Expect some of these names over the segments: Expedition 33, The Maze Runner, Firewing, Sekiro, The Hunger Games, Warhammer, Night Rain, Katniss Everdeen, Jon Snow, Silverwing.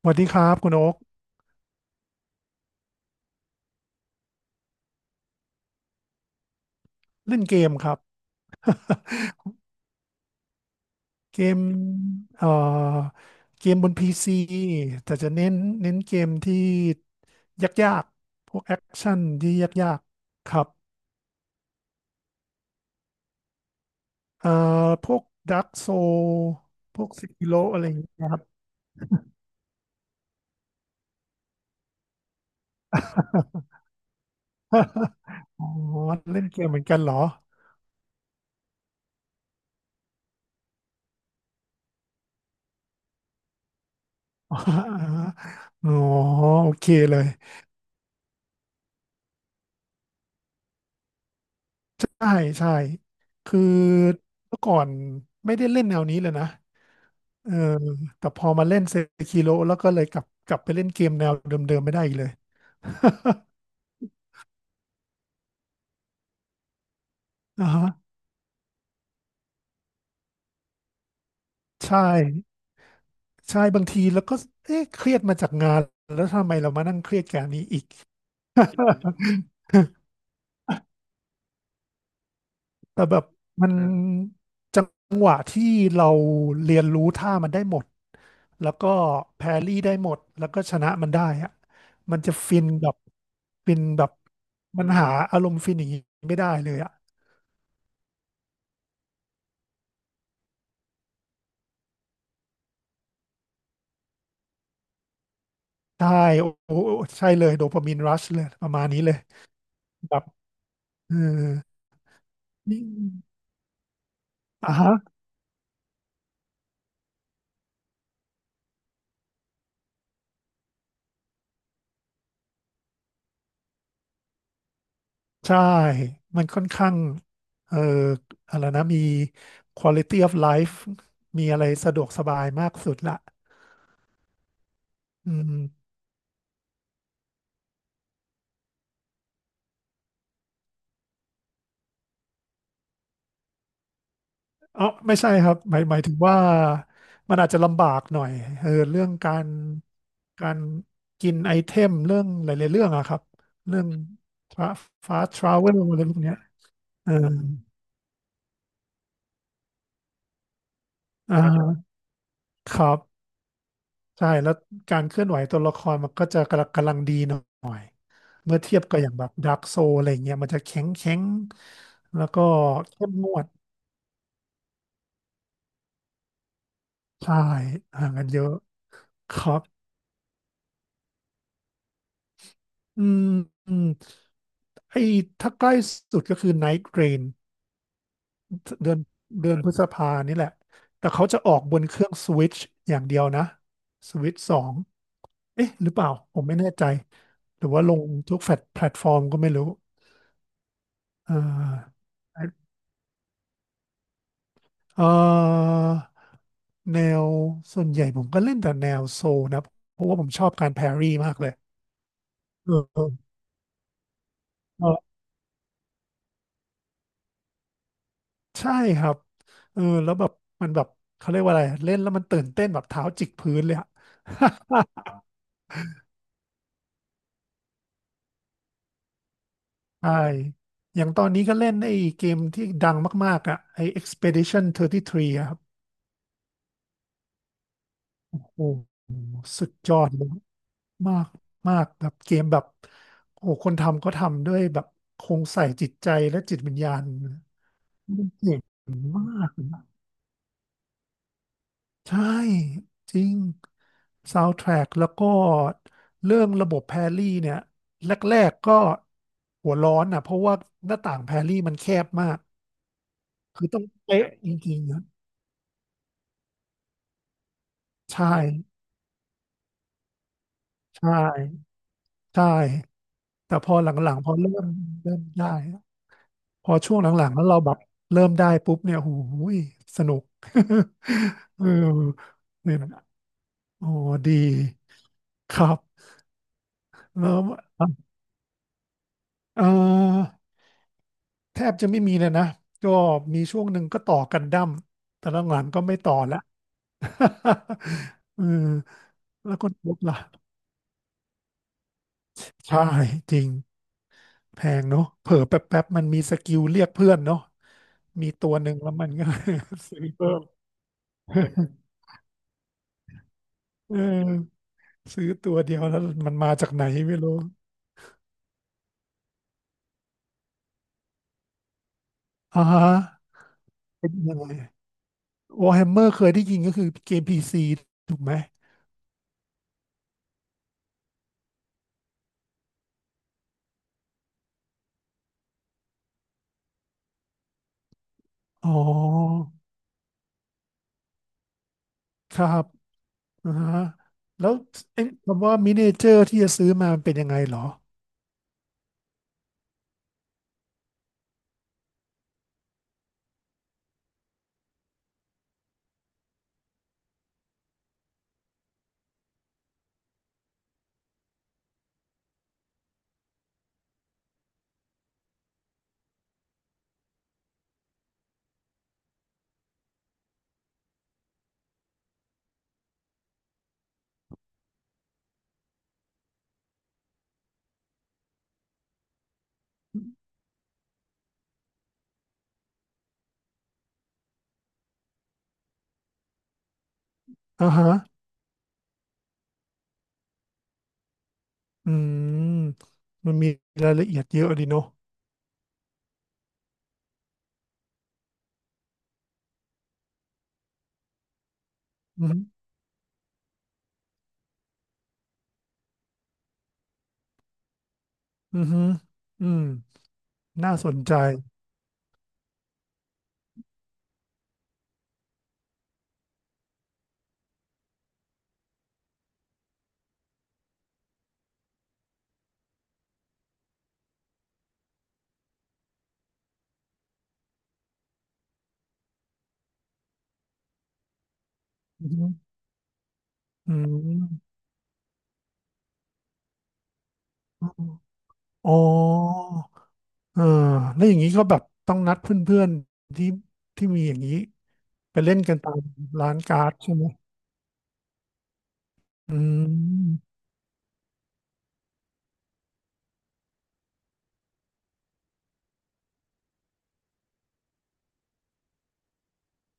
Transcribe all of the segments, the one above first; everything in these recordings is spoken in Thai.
สวัสดีครับคุณโอ๊กเล่นเกมครับ เกมเอ่อเกมบนพีซีแต่จะเน้นเน้นเกมที่ยากๆพวกแอคชั่นที่ยากๆครับเอ่อพวกดักโซพวกซิกิโลอะไรอย่างเงี้ยครับ อ๋อเล่นเกมเหมือนกันเหรอ อ๋อโอเคเลยใช่ใช่คือเมื่อก่อนไม่ได้เล่นแนวนี้เลยนะ เออแต่พอมาเล่นเซคิโ o แล้วก็เลยกลับกลับไปเล่นเกมแนวเดิมๆไม่ได้อีกเลย อ่าฮะใช่ใช่บางทีแล้วก็เอ๊ะเครียดมาจากงานแล้วทำไมเรามานั่งเครียดแกบอันนี้อีก แต่แบบมันจังหวะที่เราเรียนรู้ท่ามันได้หมดแล้วก็แพรรี่ได้หมดแล้วก็ชนะมันได้อะมันจะฟินแบบฟินแบบมันหาอารมณ์ฟินอย่างนี้ไม่ได้เลยอะ ใช่โอ้โหใช่เลยโดปามีนรัชเลยประมาณนี้เลยแบบเออนี่อ่ะฮะใช่มันค่อนข้างเอ่ออะไรนะมี quality of life มีอะไรสะดวกสบายมากสุดละอืมเอ๋อไม่ใช่ครับหมายหมายถึงว่ามันอาจจะลำบากหน่อยเออเรื่องการการกินไอเทมเรื่องหลายๆเรื่องอะครับเรื่องฟ้าฟ้าทราเวลอะไรพวกเนี้ยเอออ่าครับ ใช่แล้วการเคลื่อนไหวตัวละครมันก็จะกำลังกำลังดีหน่อยเมื่อเทียบกับอย่างแบบด a r k กโซอะไรเงี้ยมันจะแข็งแข็งแล้วก็เข้มงวดใช่ห่างกันเยอะครับอืมอืมไอ้ถ้าใกล้สุดก็คือ Night Rain เดือนเดือนพฤษภานี่แหละแต่เขาจะออกบนเครื่อง Switch อย่างเดียวนะ Switch สองเอ๊ะหรือเปล่าผมไม่แน่ใจหรือว่าลงทุกแฟลตแพลตฟอร์มก็ไม่รู้อ่า เอ่อแนวส่วนใหญ่ผมก็เล่นแต่แนวโซลนะเพราะว่าผมชอบการแพรรี่มากเลยเออเออเออใช่ครับเออแล้วแบบมันแบบเขาเรียกว่าอะไรเล่นแล้วมันตื่นเต้นแบบเท้าจิกพื้นเลยอะ ใช่อย่างตอนนี้ก็เล่นไอ้เกมที่ดังมากๆอ่ะไอ้ Expedition 33อะครับโอ้สุดยอดเลยมากมากแบบเกมแบบโอ้คนทำก็ทำด้วยแบบคงใส่จิตใจและจิตวิญญาณ เจ๋งมากเลยนะใช่จริงซาวด์แทร็กแล้วก็เรื่องระบบแพรลี่เนี่ยแรกๆก็หัวร้อนอ่ะเพราะว่าหน้าต่างแพรลี่มันแคบมากคือต้องเป๊ะจริงๆนะใช่ใช่ใช่แต่พอหลังๆพอเริ่มเริ่มได้พอช่วงหลังๆแล้วเราแบบเริ่มได้ปุ๊บเนี่ยโอ้โหูยสนุก เออเนี่ยนะโอ้ดีครับแล้ว เอ่อแทบจะไม่มีเลยนะก็มีช่วงหนึ่งก็ต่อกันดั้มแต่ละงานก็ไม่ต่อละ เออแล้วคนพบล่ะใช่จริงแพงเนาะเผลอแป๊บๆมันมีสกิลเรียกเพื่อนเนาะมีตัวหนึ่งแล้วมันก็ ซื้อเพิ่ม เออซื้อตัวเดียวแล้วมันมาจากไหนไม่รู้อ่าฮะเป็นยังไงวอร์แฮมเมอร์เคยได้ยินก็คือเกมพีซีถูกไหมอ๋อครับ อ่าฮะแล้วไอ้คำว่ามินิเจอร์ที่จะซื้อมามันเป็นยังไงเหรออ่าฮะอืมมันมีรายละเอียดเยอะดีเนาะอืมอืมอืมน่าสนใจอืมอืมอมอ๋อเอ่าแล้วอย่างนี้ก็แบบต้องนัดเพื่อนๆที่ที่มีอย่างนี้ไปเล่นกันตามร้านการ์ดใช่ไหมอืม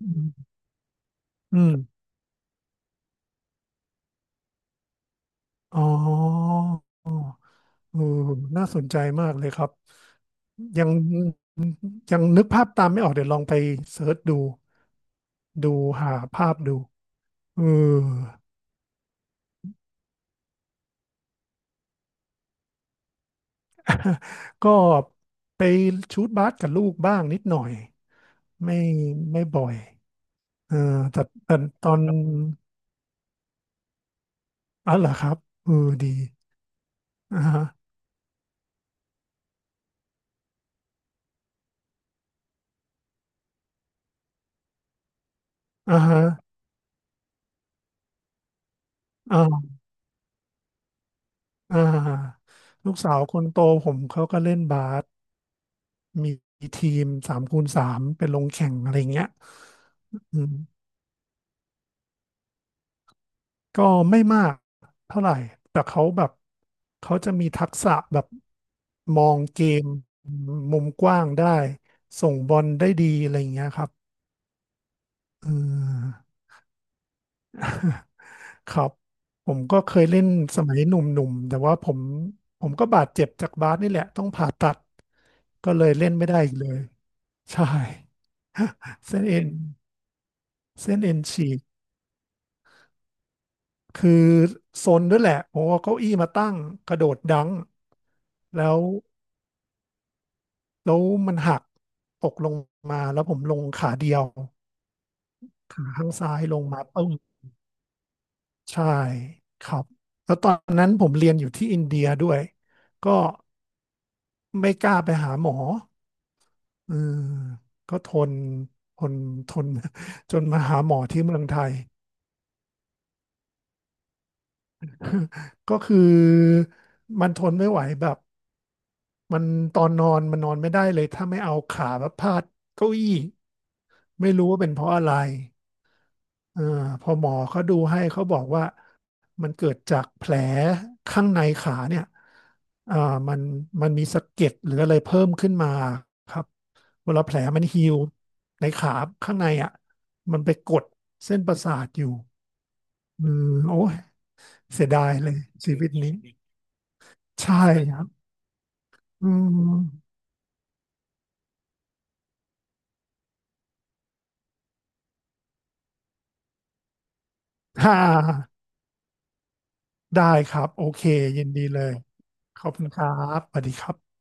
อืมอืมอ๋ออ๋อเออน่าสนใจมากเลยครับยัง ยังนึกภาพตามไม่ออกเดี๋ยวลองไปเสิร์ชดูดูหาภาพดูเออ ก็ไปชูตบาสกับลูกบ้างนิดหน่อยไม่ไม่บ่อยเออแต่แต่ตอนอ๋อเหรอครับเออดีอ่าฮะอ่าฮะอ่าอ่าลูกสาวคนโตผมเขาก็เล่นบาสมีทีมสามคูณสามไปลงแข่งอะไรเงี้ยอืม ก็ไม่มากเท่าไหร่ แต่เขาแบบเขาจะมีทักษะแบบมองเกมมุมกว้างได้เงี้ยครับเออ ครับผมก็เคยเล่นสมัยหนุ่มๆแต่ว่าผมผมก็บาดเจ็บจากบาสนี่แหละต้องผ่าตัดก็เลยเล่นไม่ได้อีกเลยใช่เส้นเอ็นเส้นเอ็นฉีกคือซนด้วยแหละผมเอาเก้าอี้มาตั้งกระโดดดังแล้ว แล้วมันหักตกลงมาแล้วผมลงขาเดียวขาข้างซ้ายลงมาปึ้งใช่ครับแล้วตอนนั้นผมเรียนอยู่ที่อินเดียด้วยก็ไม่กล้าไปหาหมอเออก็ทนทนทนจนมาหาหมอที่เมืองไทยก็คือมันทนไม่ไหวแบบมันตอนนอนมันนอนไม่ได้เลยถ้าไม่เอาขาแบบพาดเก้าอี้ไม่รู้ว่าเป็นเพราะอะไร เออพอหมอเขาดูให้เขาบอกว่ามันเกิดจากแผลข้างในขาเนี่ยอ่ามันมันมีสะเก็ดหรืออะไรเพิ่มขึ้นมาครับเวลาแผลมันฮีลในขาข้างในอ่ะมันไปกดเส้นประสาทอยู่อืมโอ้ยเสียดายเลยชีวิตนี้ใช่ครับอืม ฮ่าได้ครับโอเคยินดีเลยขอบคุณครับสวัสดีครับ